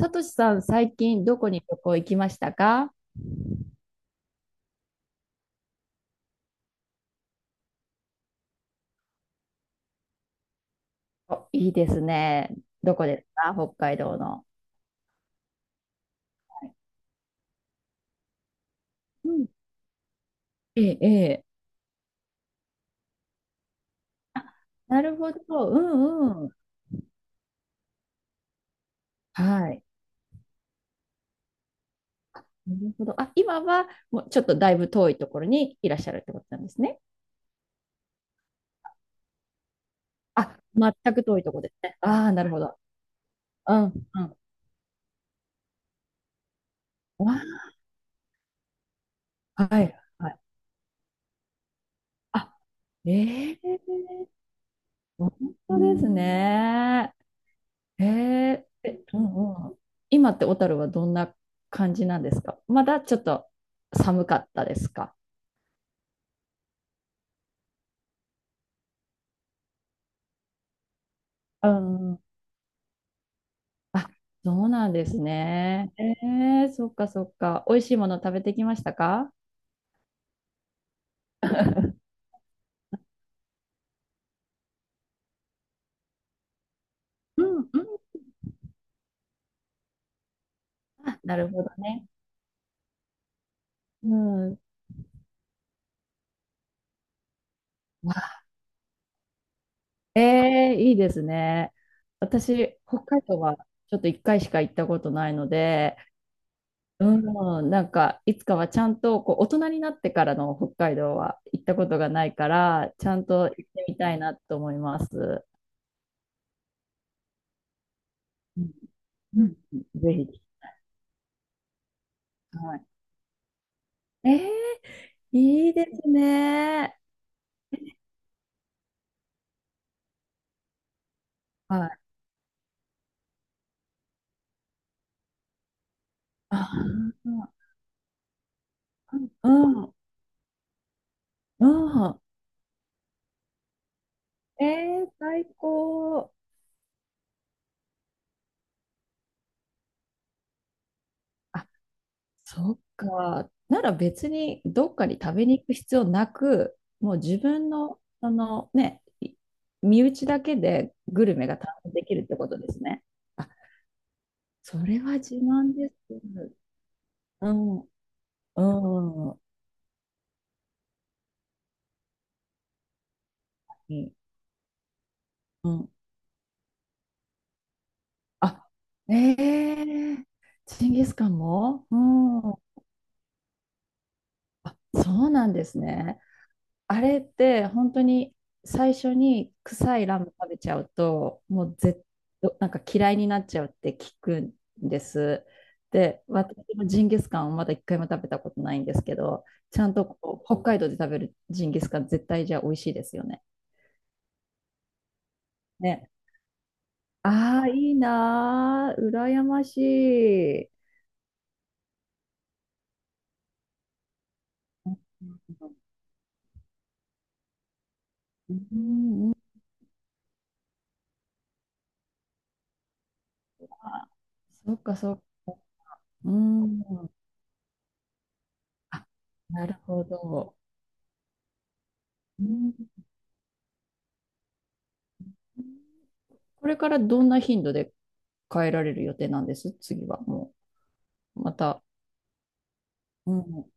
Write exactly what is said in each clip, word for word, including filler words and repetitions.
さとしさん、最近どこに旅行行きましたか？お、いいですね。どこですか北海道の。うん。ええ、ええ。あ、なるほど。うんうん。はい。なるほど。あ、今はもうちょっとだいぶ遠いところにいらっしゃるってことなんですね。あ、全く遠いところですね。ああ、なるほど。うん、うん。わあはい、はい。あ、ええ、本当ですね。へえ、え、うんうん。今って小樽はどんな感じなんですか？まだちょっと寒かったですか？うん。あ、そうなんですね。ええ、そっかそっか。美味しいもの食べてきましたか？うん、うん。あ、なるほどね。うん。ええー、いいですね。私、北海道はちょっといっかいしか行ったことないので、うん、なんか、いつかはちゃんと、こう、大人になってからの北海道は行ったことがないから、ちゃんと行ってみたいなと思います。うん、うん、ぜひ。はい。えー、いいですね。はい。あー、うん、うん。えー、最高。そっか。なら別にどっかに食べに行く必要なく、もう自分の、そのね、い身内だけでグルメが堪能できるってことですね。あ、それは自慢です。うん、うん、うん。うんあ、ええジンギスカンもうん。あ、そうなんですね。あれって本当に最初に臭いラム食べちゃうともう絶なんか嫌いになっちゃうって聞くんです。で、私もジンギスカンをまだ一回も食べたことないんですけど、ちゃんとこう北海道で食べるジンギスカン絶対じゃあ美味しいですよね。ね。ああ、いいなー、羨ましい。うん、うんあそっかそっか。うん。あ、なるほど。うんこれからどんな頻度で変えられる予定なんです次はもう。また。うん。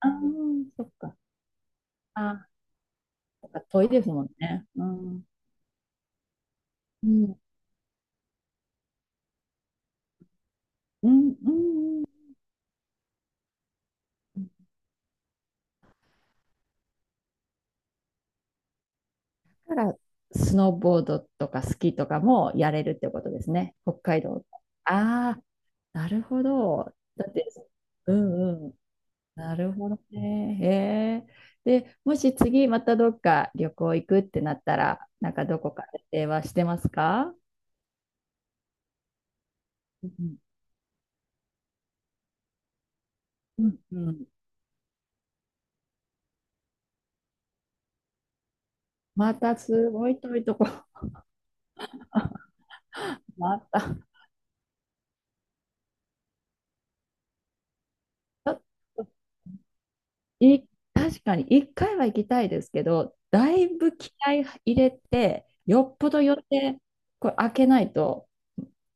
ああ、そっか。ああ、そっか遠いですもんね。うん。うん。うん。うん。だから、スノーボードとかスキーとかもやれるってことですね。北海道。ああ、なるほど。だって、うんうん。なるほどね。へえ。で、もし次またどっか旅行行くってなったら、なんかどこかで電話してますか？うんうん。うんうんまたすごい遠いとこ。また。ちょっとい、確かに一回は行きたいですけど、だいぶ気合入れて、よっぽど予定、これ開けないと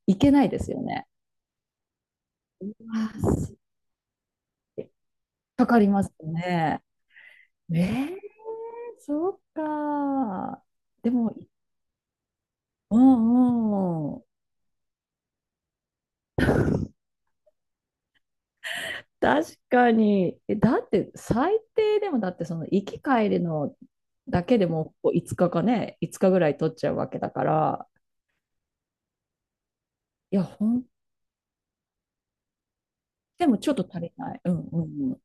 いけないですよね。あーかかりますね。ええそうか。でも、うんうん。確かに。えだって最低でもだってその行き帰りのだけでもこういつかかかね、いつかぐらい取っちゃうわけだから、いや、ほん、でもちょっと足りない。うんうんうん。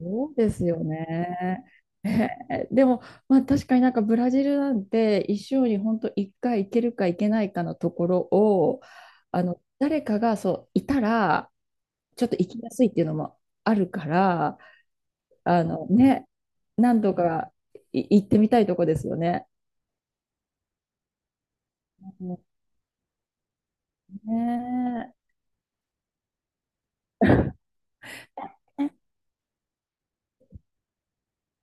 そうですよね。えーでも、まあ確かになんかブラジルなんて一生に本当いっかい行けるか行けないかのところを、あの、誰かがそう、いたら、ちょっと行きやすいっていうのもあるから、あのね、何度かい行ってみたいとこですよね。もうね。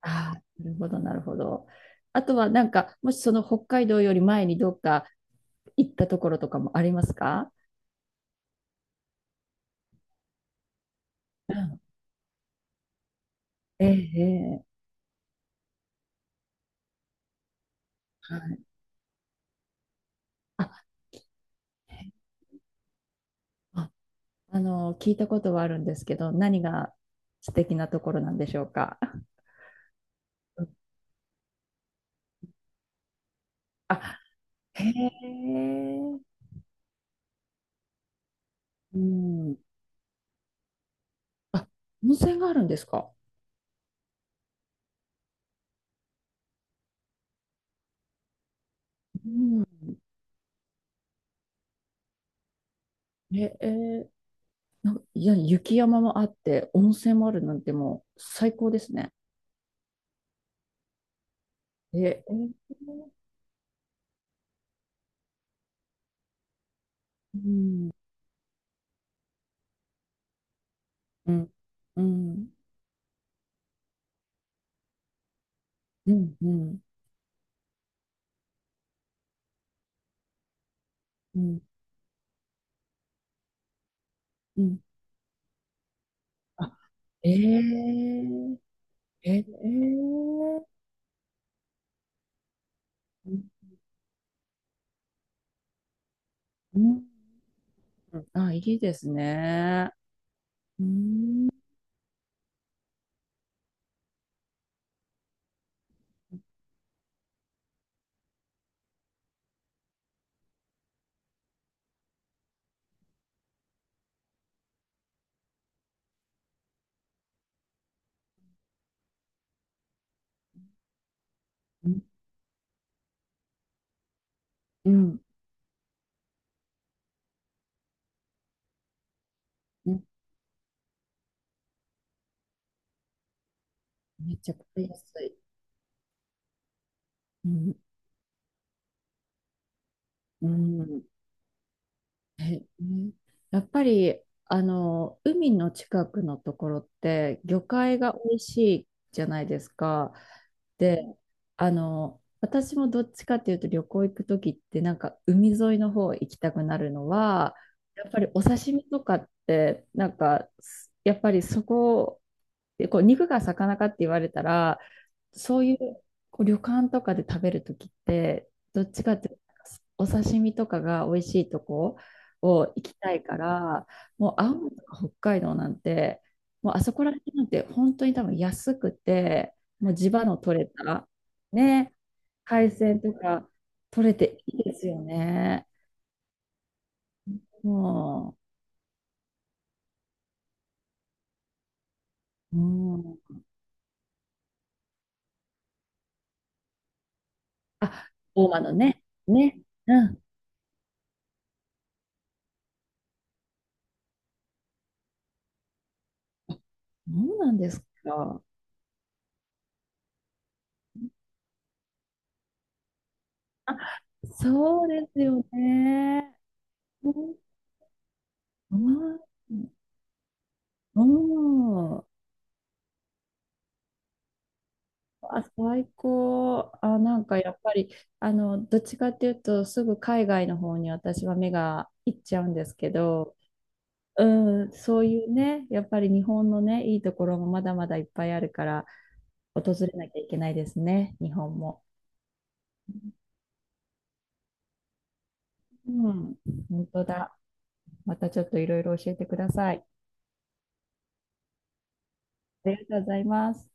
ああ、なるほど、なるほど。あとはなんか、もしその北海道より前にどっか行ったところとかもありますか？うんええ、ええはい。あ、えああの、聞いたことはあるんですけど、何が素敵なところなんでしょうか。うんあ、へえ、うん。あ、温泉があるんですか？うん。ええいや、雪山もあって、温泉もあるなんてもう最高ですね。え、えーうん、うん、うん、うん、うん、うん、うん。あ、えー、えー、えーうん、うんあ、いいですね。うん、うん、うん、うんめっちゃ買いやすい。うん、うん、え、うんやっぱり、あの、海の近くのところって、魚介が美味しいじゃないですか。で、あの、私もどっちかっていうと旅行行くときってなんか海沿いの方行きたくなるのは、やっぱりお刺身とかってなんかすやっぱりそこでこう肉が魚かって言われたらそういうこう旅館とかで食べるときって、どっちかっていうとお刺身とかが美味しいとこを行きたいから、もう青森とか北海道なんて、もうあそこら辺なんて本当に多分安くて、もう地場の取れた、ね、海鮮とか取れていいですよね。もう、うん。あ、大間のね、ね、うん、そうなんですか？あそうですよね。うんうん、うんあ、最高。あ、なんかやっぱり、あの、どっちかっていうと、すぐ海外の方に私は目がいっちゃうんですけど、うん、そういうね、やっぱり日本のね、いいところもまだまだいっぱいあるから、訪れなきゃいけないですね、日本も。うん、本当だ。またちょっといろいろ教えてください。ありがとうございます。